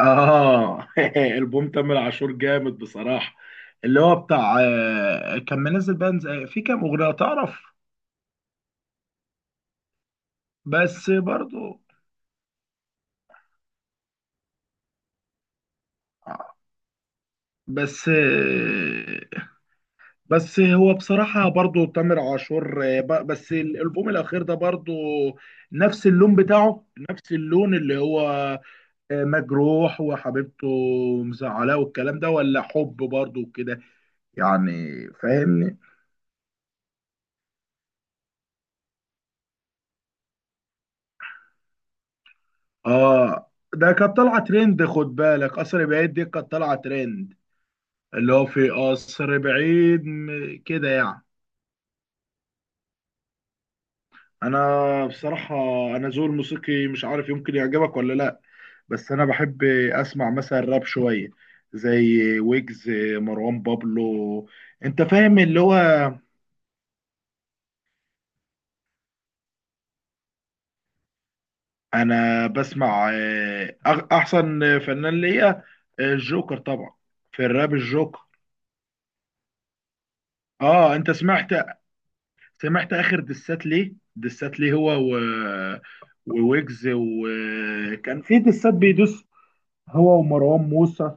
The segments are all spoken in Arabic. اه. البوم تامر عاشور جامد بصراحه. اللي هو بتاع كان منزل بقى في كام اغنيه تعرف؟ بس برضو. بس آه، بس هو بصراحه برضو تامر عاشور، بس الالبوم الاخير ده برضو نفس اللون بتاعه، نفس اللون اللي هو مجروح وحبيبته مزعلاه والكلام ده، ولا حب برضو كده، يعني فاهمني. اه، ده كانت طالعه ترند، خد بالك قصر بعيد دي كانت طالعه ترند. اللي هو في قصر بعيد كده يعني. انا بصراحه، انا ذوقي الموسيقي مش عارف يمكن يعجبك ولا لا، بس انا بحب اسمع مثلا راب شويه، زي ويجز، مروان بابلو. انت فاهم اللي هو انا بسمع احسن فنان ليا الجوكر طبعا. في الراب الجوكر. اه، انت سمعت؟ سمعت اخر دسات ليه، هو وويجز، وكان في دسات بيدوس، هو ومروان موسى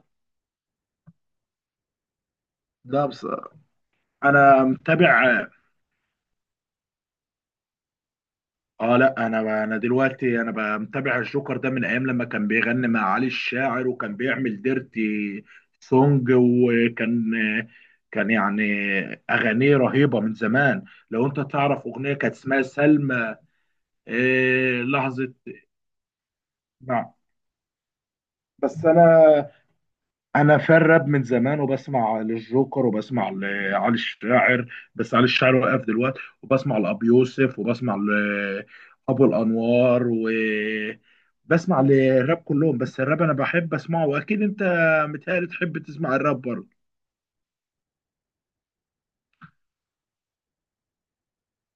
ده بس. انا متابع. اه، لا، انا دلوقتي انا بقى متابع الجوكر ده من ايام لما كان بيغني مع علي الشاعر، وكان بيعمل ديرتي سونج، وكان يعني اغانيه رهيبه من زمان. لو انت تعرف اغنيه كانت اسمها سلمى. إيه، لحظه. نعم. بس انا في الراب من زمان، وبسمع للجوكر وبسمع لعلي الشاعر، بس علي الشاعر وقف دلوقتي، وبسمع لابو يوسف وبسمع لابو الانوار وبسمع للراب كلهم، بس الراب انا بحب اسمعه، واكيد انت متهيألي تحب تسمع الراب برضه.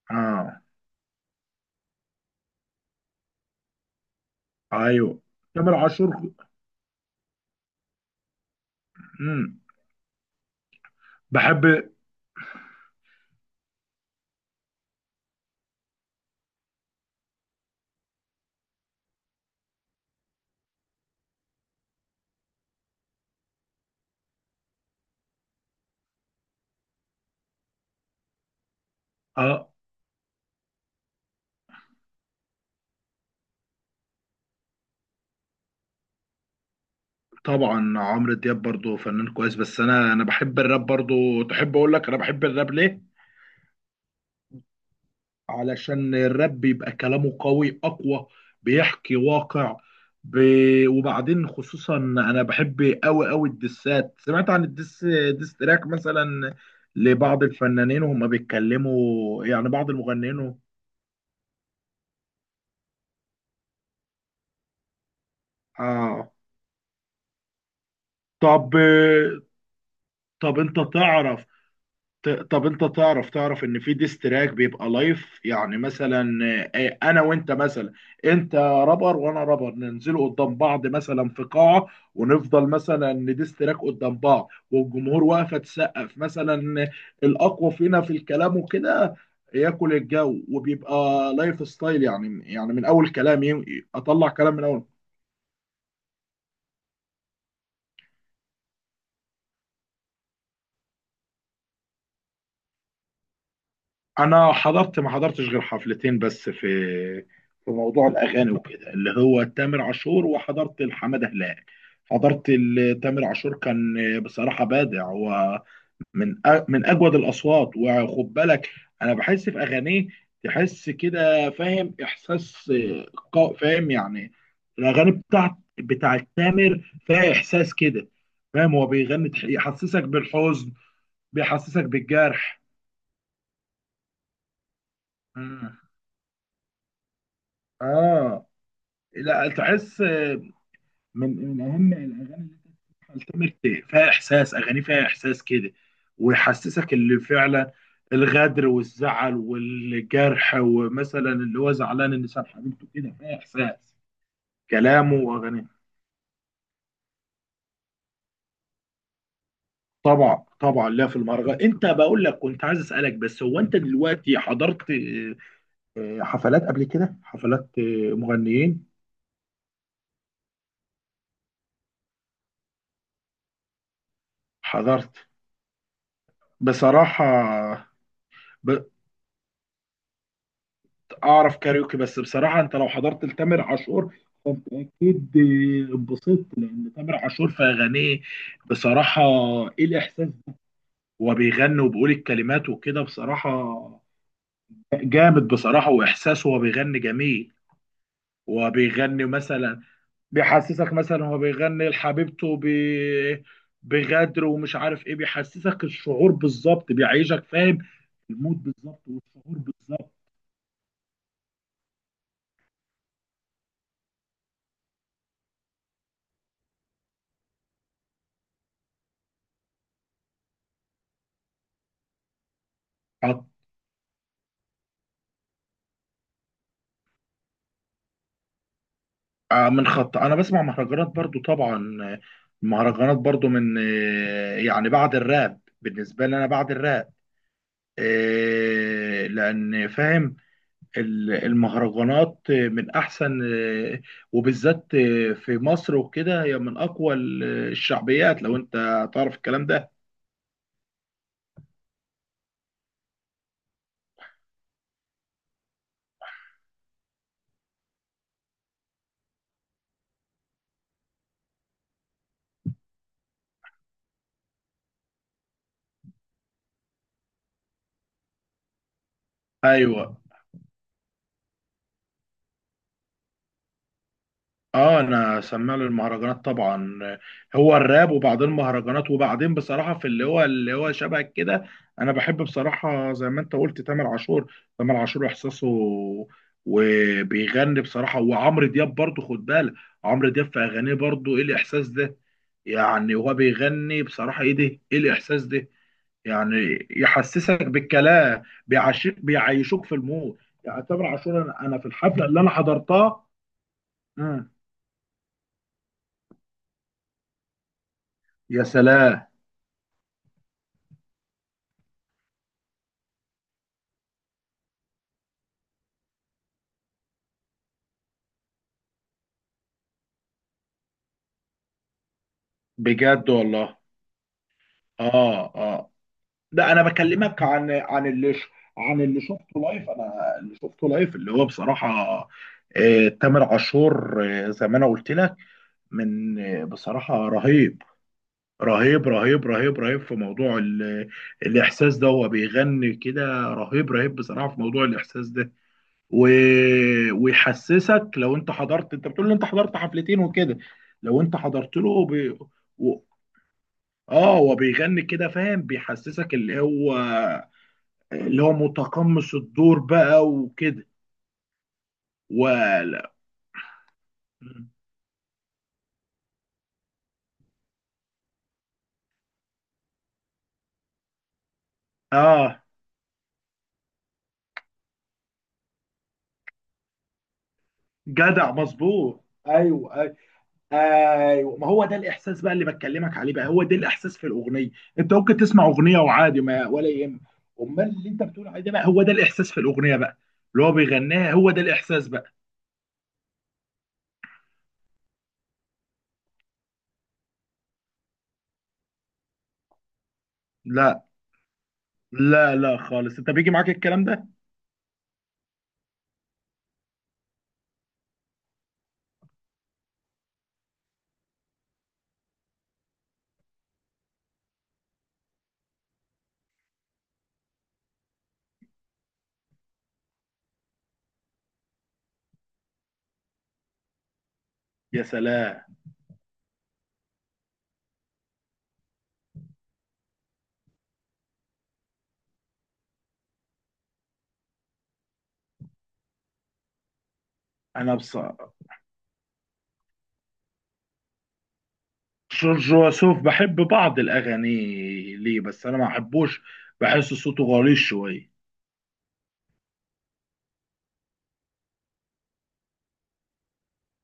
اه. ايوه. تامر عاشور. امم. بحب. اه، طبعا عمرو دياب برضه فنان كويس، بس انا بحب الراب برضه. تحب اقول لك انا بحب الراب ليه؟ علشان الراب بيبقى كلامه قوي اقوى، بيحكي واقع. ب... وبعدين خصوصا انا بحب قوي قوي الدسات. سمعت عن الدس، ديس تراك مثلا، لبعض الفنانين وهم بيتكلموا يعني بعض المغنيين اه. طب، انت تعرف، ت- طب انت تعرف ان في ديستراك بيبقى لايف يعني. مثلا انا وانت مثلا، انت رابر وانا رابر، ننزلوا قدام بعض مثلا في قاعة، ونفضل مثلا نديستراك قدام بعض، والجمهور واقفة تسقف مثلا الاقوى فينا في الكلام وكده، ياكل الجو، وبيبقى لايف ستايل يعني. يعني من اول كلام اطلع كلام من اول. انا حضرت، ما حضرتش غير حفلتين بس، في في موضوع الاغاني وكده، اللي هو تامر عاشور، وحضرت لحماده هلال. حضرت تامر عاشور كان بصراحه بادع، ومن من اجود الاصوات. وخد بالك انا بحس في اغانيه تحس كده، فاهم احساس، فاهم يعني الاغاني بتاعت تامر فيها احساس كده، فاهم؟ هو بيغني يحسسك بالحزن، بيحسسك بالجرح. مم. اه، لا تحس من اهم الاغاني اللي انت بتسمعها لتامر، فيها احساس، اغاني فيها احساس كده، ويحسسك اللي فعلا الغدر والزعل والجرح، ومثلا اللي هو زعلان ان ساب حبيبته كده، فيها احساس كلامه واغانيه. طبعا، طبعا، لا في المهرجان. انت بقول لك كنت عايز اسالك بس، هو انت دلوقتي حضرت حفلات قبل كده، حفلات مغنيين. حضرت بصراحة. ب... اعرف كاريوكي. بس بصراحه انت لو حضرت لتامر عاشور، فانت اكيد اتبسطت. لان تامر عاشور في اغانيه بصراحه ايه الاحساس ده. هو بيغني وبيقول الكلمات وكده، بصراحه جامد، بصراحه واحساسه هو بيغني جميل. هو بيغني مثلا، بيحسسك مثلا، هو بيغني لحبيبته بغدر ومش عارف ايه، بيحسسك الشعور بالظبط، بيعيشك فاهم المود بالظبط والشعور بالظبط. من خط. انا بسمع مهرجانات برضو طبعا. المهرجانات برضو من يعني بعد الراب بالنسبه لي. انا بعد الراب لان فاهم المهرجانات من احسن، وبالذات في مصر وكده، هي من اقوى الشعبيات، لو انت تعرف الكلام ده. ايوه. اه، انا سمع له المهرجانات طبعا، هو الراب وبعدين مهرجانات، وبعدين بصراحه في اللي هو، اللي هو شبه كده. انا بحب بصراحه زي ما انت قلت تامر عاشور، تامر عاشور احساسه، وبيغني بصراحه. وعمرو دياب برضه خد بالك، عمرو دياب في اغانيه برضه، ايه الاحساس ده؟ يعني هو بيغني بصراحه ايه ده، ايه الاحساس ده؟ يعني يحسسك بالكلام، بيعيشك، بيعيشوك في المود يعني. تامر عاشور، انا، أنا في الحفله اللي انا حضرتها. مم. يا سلام. بجد والله. اه، اه. لا، انا بكلمك عن، عن اللي شفته لايف. انا اللي شفته لايف اللي هو بصراحه آه تامر عاشور، آه زي ما انا قلت لك، من آه بصراحه رهيب رهيب رهيب رهيب رهيب في موضوع الاحساس ده. هو بيغني كده رهيب رهيب بصراحه في موضوع الاحساس ده و... ويحسسك. لو انت حضرت، انت بتقول لي انت حضرت حفلتين وكده، لو انت حضرت له. ب... اه، هو بيغني كده فاهم، بيحسسك اللي هو، اللي هو متقمص الدور بقى وكده ولا. اه، جدع مظبوط. ايوه، ايوه، ايوه. ما هو ده الاحساس بقى اللي بكلمك عليه بقى، هو ده الاحساس في الاغنيه. انت ممكن تسمع اغنيه وعادي، ما ولا يهم. امال اللي انت بتقول عليه ده بقى، هو ده الاحساس في الاغنيه بقى، اللي هو بيغنيها، هو ده الاحساس بقى. لا، لا، لا خالص. انت بيجي معاك الكلام ده. يا سلام. انا بص، جورج وسوف بحب بعض الأغاني، ليه بس أنا ما بحبوش؟ بحس صوته غليظ شوية.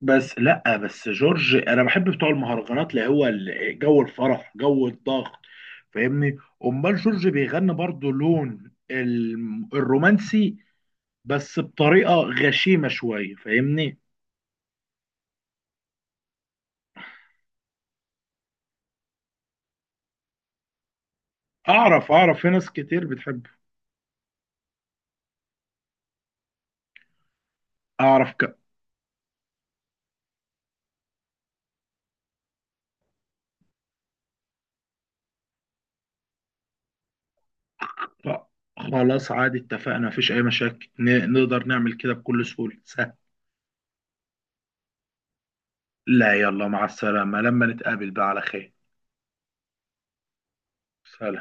بس لأ، بس جورج أنا بحب بتوع المهرجانات اللي هو جو الفرح جو الضغط، فاهمني. أمال جورج بيغني برضه لون الرومانسي، بس بطريقة غشيمة شوية، فاهمني. أعرف في ناس كتير بتحبه. أعرف ف- خلاص عادي، اتفقنا، مفيش أي مشاكل، نقدر نعمل كده بكل سهولة، سهل. لا، يلا مع السلامة، لما نتقابل بقى على خير. سلام.